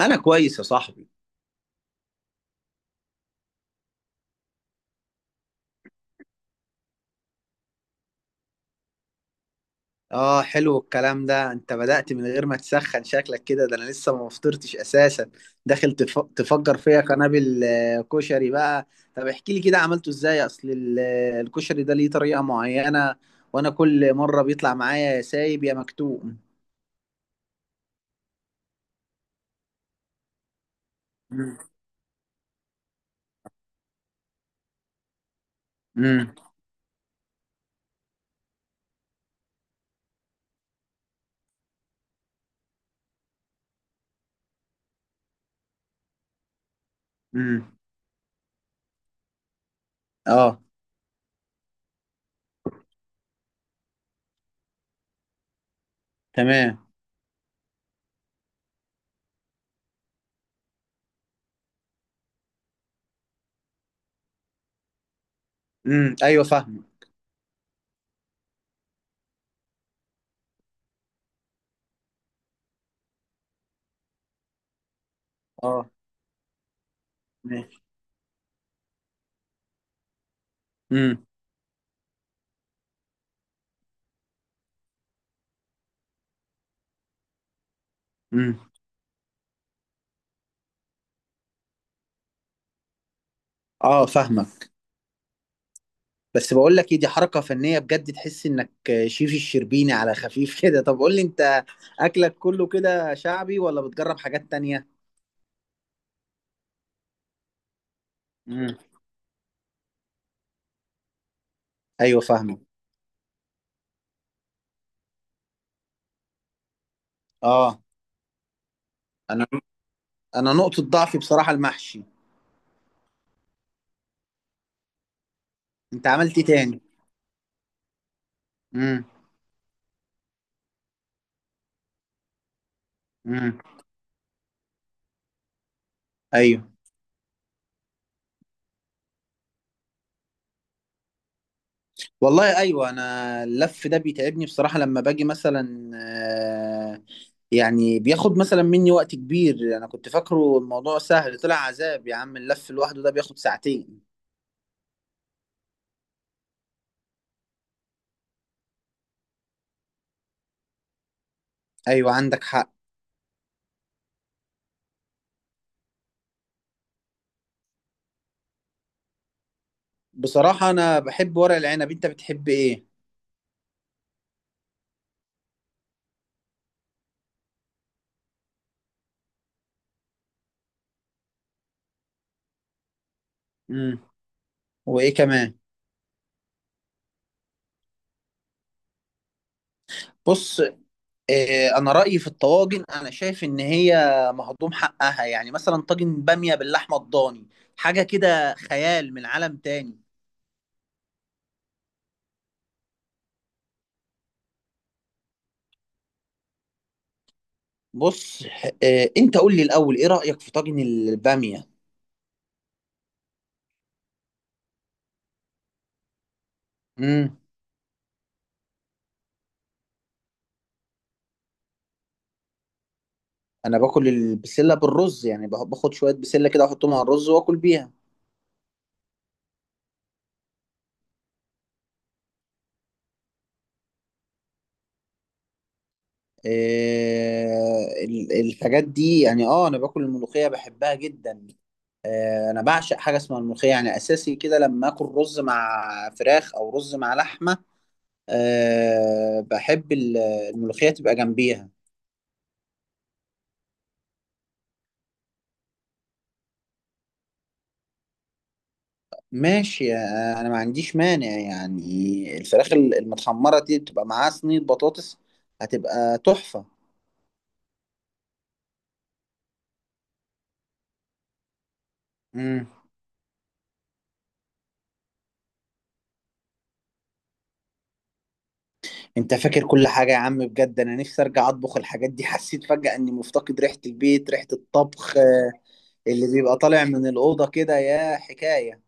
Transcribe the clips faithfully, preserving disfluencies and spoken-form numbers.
انا كويس يا صاحبي. اه، حلو الكلام ده. انت بدأت من غير ما تسخن شكلك كده، ده انا لسه ما فطرتش اساسا. داخل تف... تفجر فيا قنابل، آه، كشري بقى. طب احكي لي كده عملته ازاي. اصل ال- آه، الكشري ده ليه طريقة معينة، وانا كل مرة بيطلع معايا يا سايب يا مكتوم. امم امم امم اه. تمام. امم ايوه، فاهم. اه، ماشي. امم امم اه، فاهمك. بس بقول لك ايه، دي حركة فنية بجد، تحس انك شيف الشربيني على خفيف كده. طب قول لي انت، اكلك كله كده شعبي ولا بتجرب حاجات تانية؟ امم ايوه، فاهمه. اه، انا انا نقطة ضعفي بصراحة المحشي. انت عملت ايه تاني؟ امم امم ايوه. والله ايوه، انا اللف ده بيتعبني بصراحة. لما باجي مثلا آه، يعني بياخد مثلا مني وقت كبير. انا كنت فاكره الموضوع سهل، طلع عذاب يا عم، اللف لوحده ده بياخد ساعتين. ايوه عندك حق. بصراحة أنا بحب ورق العنب، أنت بتحب إيه؟ مم. وإيه كمان؟ بص، إيه، أنا رأيي في الطواجن، أنا شايف إن هي مهضوم حقها. يعني مثلا طاجن بامية باللحمة الضاني، حاجة كده خيال من عالم تاني. بص، إيه، أنت قول لي الأول، إيه رأيك في طاجن البامية؟ مم. أنا باكل البسلة بالرز، يعني باخد شوية بسلة كده أحطهم على الرز وآكل بيها. آه، ال- الحاجات دي يعني، اه، انا باكل الملوخيه، بحبها جدا. آه، انا بعشق حاجه اسمها الملوخيه، يعني اساسي كده لما اكل رز مع فراخ او رز مع لحمه. أه بحب ال- الملوخيه تبقى جنبيها. ماشي. آه، انا ما عنديش مانع، يعني الفراخ ال- المتحمره دي تبقى معاها صينيه بطاطس، هتبقى تحفه. مم. انت فاكر كل حاجة يا عم، بجد انا نفسي ارجع اطبخ الحاجات دي. حسيت فجأة اني مفتقد ريحة البيت، ريحة الطبخ، آه، اللي بيبقى طالع من الأوضة كده، يا حكاية.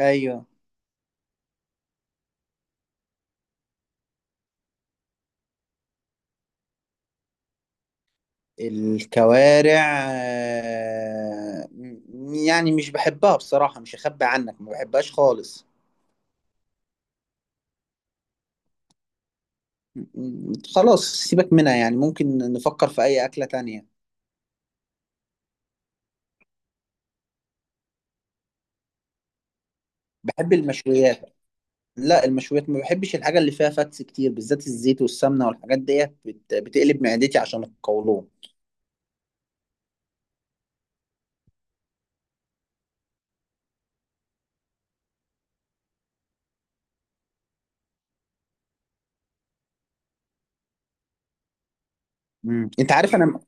ايوه. الكوارع. آه، م- يعني مش بحبها بصراحة، مش هخبي عنك، ما بحبهاش خالص. م- م- خلاص سيبك منها، يعني ممكن نفكر في اي أكلة تانية. بحب المشويات. لا المشويات، ما بحبش الحاجة اللي فيها فاتس كتير، بالذات الزيت والسمنة والحاجات ديت بت- بتقلب معدتي عشان القولون. مم. انت عارف انا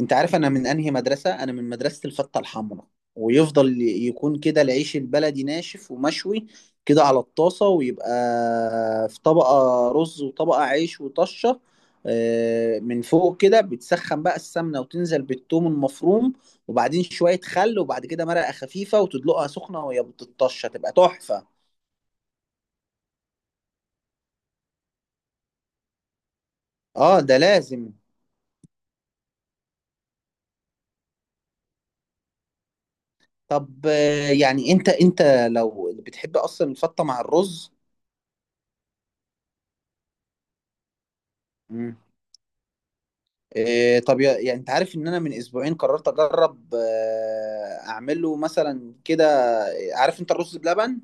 انت عارف انا من انهي مدرسه، انا من مدرسه الفته الحمراء. ويفضل ي- يكون كده العيش البلدي ناشف ومشوي، كده على الطاسه. ويبقى في طبقه رز وطبقه عيش وطشه آه، من فوق كده. بتسخن بقى السمنه وتنزل بالثوم المفروم، وبعدين شويه خل، وبعد كده مرقه خفيفه وتدلقها سخنه وهي بتطشه، تبقى تحفه. اه، ده لازم. طب، آه، يعني انت انت لو بتحب اصلا الفته مع الرز. إيه، طب، يا- يعني انت عارف ان انا من اسبوعين قررت اجرب، آه، اعمله مثلا كده. عارف انت الرز بلبن؟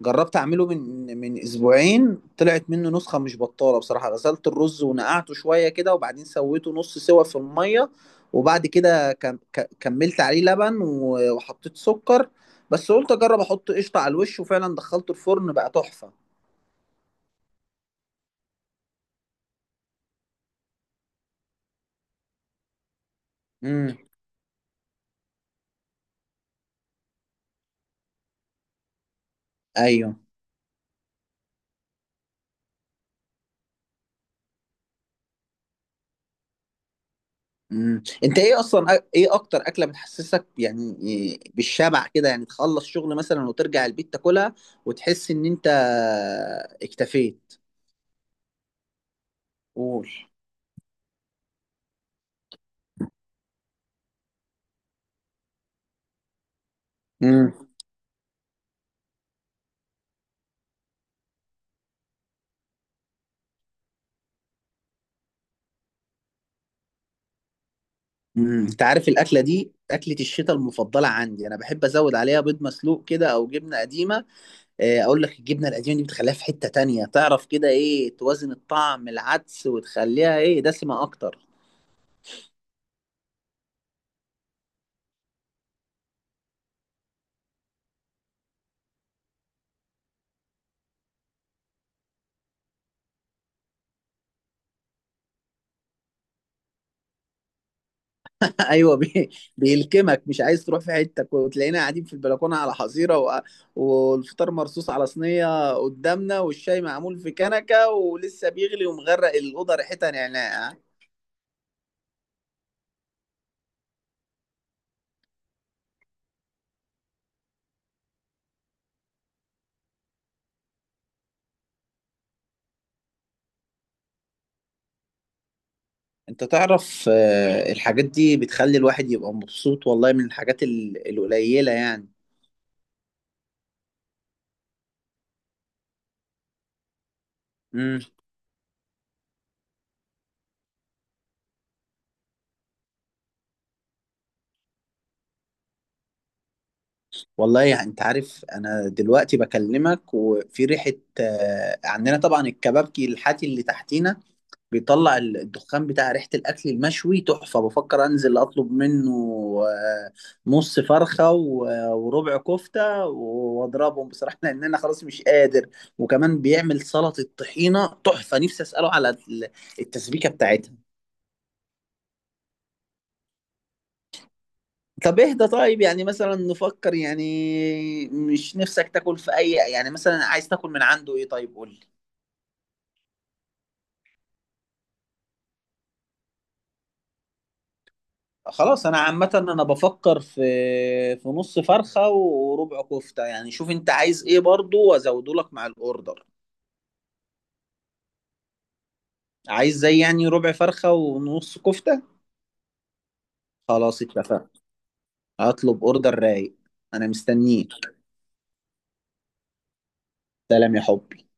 جربت اعمله من من اسبوعين، طلعت منه نسخة مش بطالة بصراحة. غسلت الرز ونقعته شوية كده، وبعدين سويته نص سوا في المية، وبعد كده كم- ك- كملت عليه لبن و- وحطيت سكر. بس قلت اجرب احط قشطة على الوش، وفعلا دخلته الفرن، بقى تحفة. امم ايوه. مم. انت ايه اصلا، أ- ايه اكتر اكله بتحسسك يعني بالشبع كده، يعني تخلص شغل مثلا وترجع البيت تاكلها وتحس ان انت اكتفيت؟ قول. امم. انت عارف الاكله دي اكله الشتاء المفضله عندي، انا بحب ازود عليها بيض مسلوق كده او جبنه قديمه. آه، اقول لك الجبنه القديمه دي بتخليها في حته تانية، تعرف كده ايه توازن الطعم، العدس وتخليها ايه دسمه اكتر. ايوه، بي... بيلكمك، مش عايز تروح، في حته وتلاقينا قاعدين في البلكونه على حظيره و... والفطار مرصوص على صينيه قدامنا، والشاي معمول في كنكه ولسه بيغلي، ومغرق الاوضه ريحتها نعناع. انت تعرف، آه، الحاجات دي بتخلي الواحد يبقى مبسوط، والله من الحاجات ال... القليله يعني. امم. والله يعني انت عارف انا دلوقتي بكلمك، وفي ريحه. آه، عندنا طبعا الكبابجي الحاتي اللي تحتينا، بيطلع ال- الدخان بتاع ريحة الأكل المشوي تحفة. بفكر أنزل أطلب منه آه، نص فرخة و- وربع كفتة و- وأضربهم بصراحة، لأن أنا خلاص مش قادر. وكمان بيعمل سلطة طحينة تحفة، نفسي أسأله على ال- التسبيكة بتاعتها. طب اهدى، طيب يعني مثلا نفكر، يعني مش نفسك تاكل في أي، يعني مثلا عايز تاكل من عنده إيه، طيب قول لي. خلاص، انا عامه انا بفكر في في نص فرخه وربع كفته، يعني شوف انت عايز ايه برضو، وازوده لك مع الاوردر. عايز زي يعني ربع فرخه ونص كفته. خلاص اتفقنا. هطلب اوردر رايق. انا مستنيك. سلام يا حبي.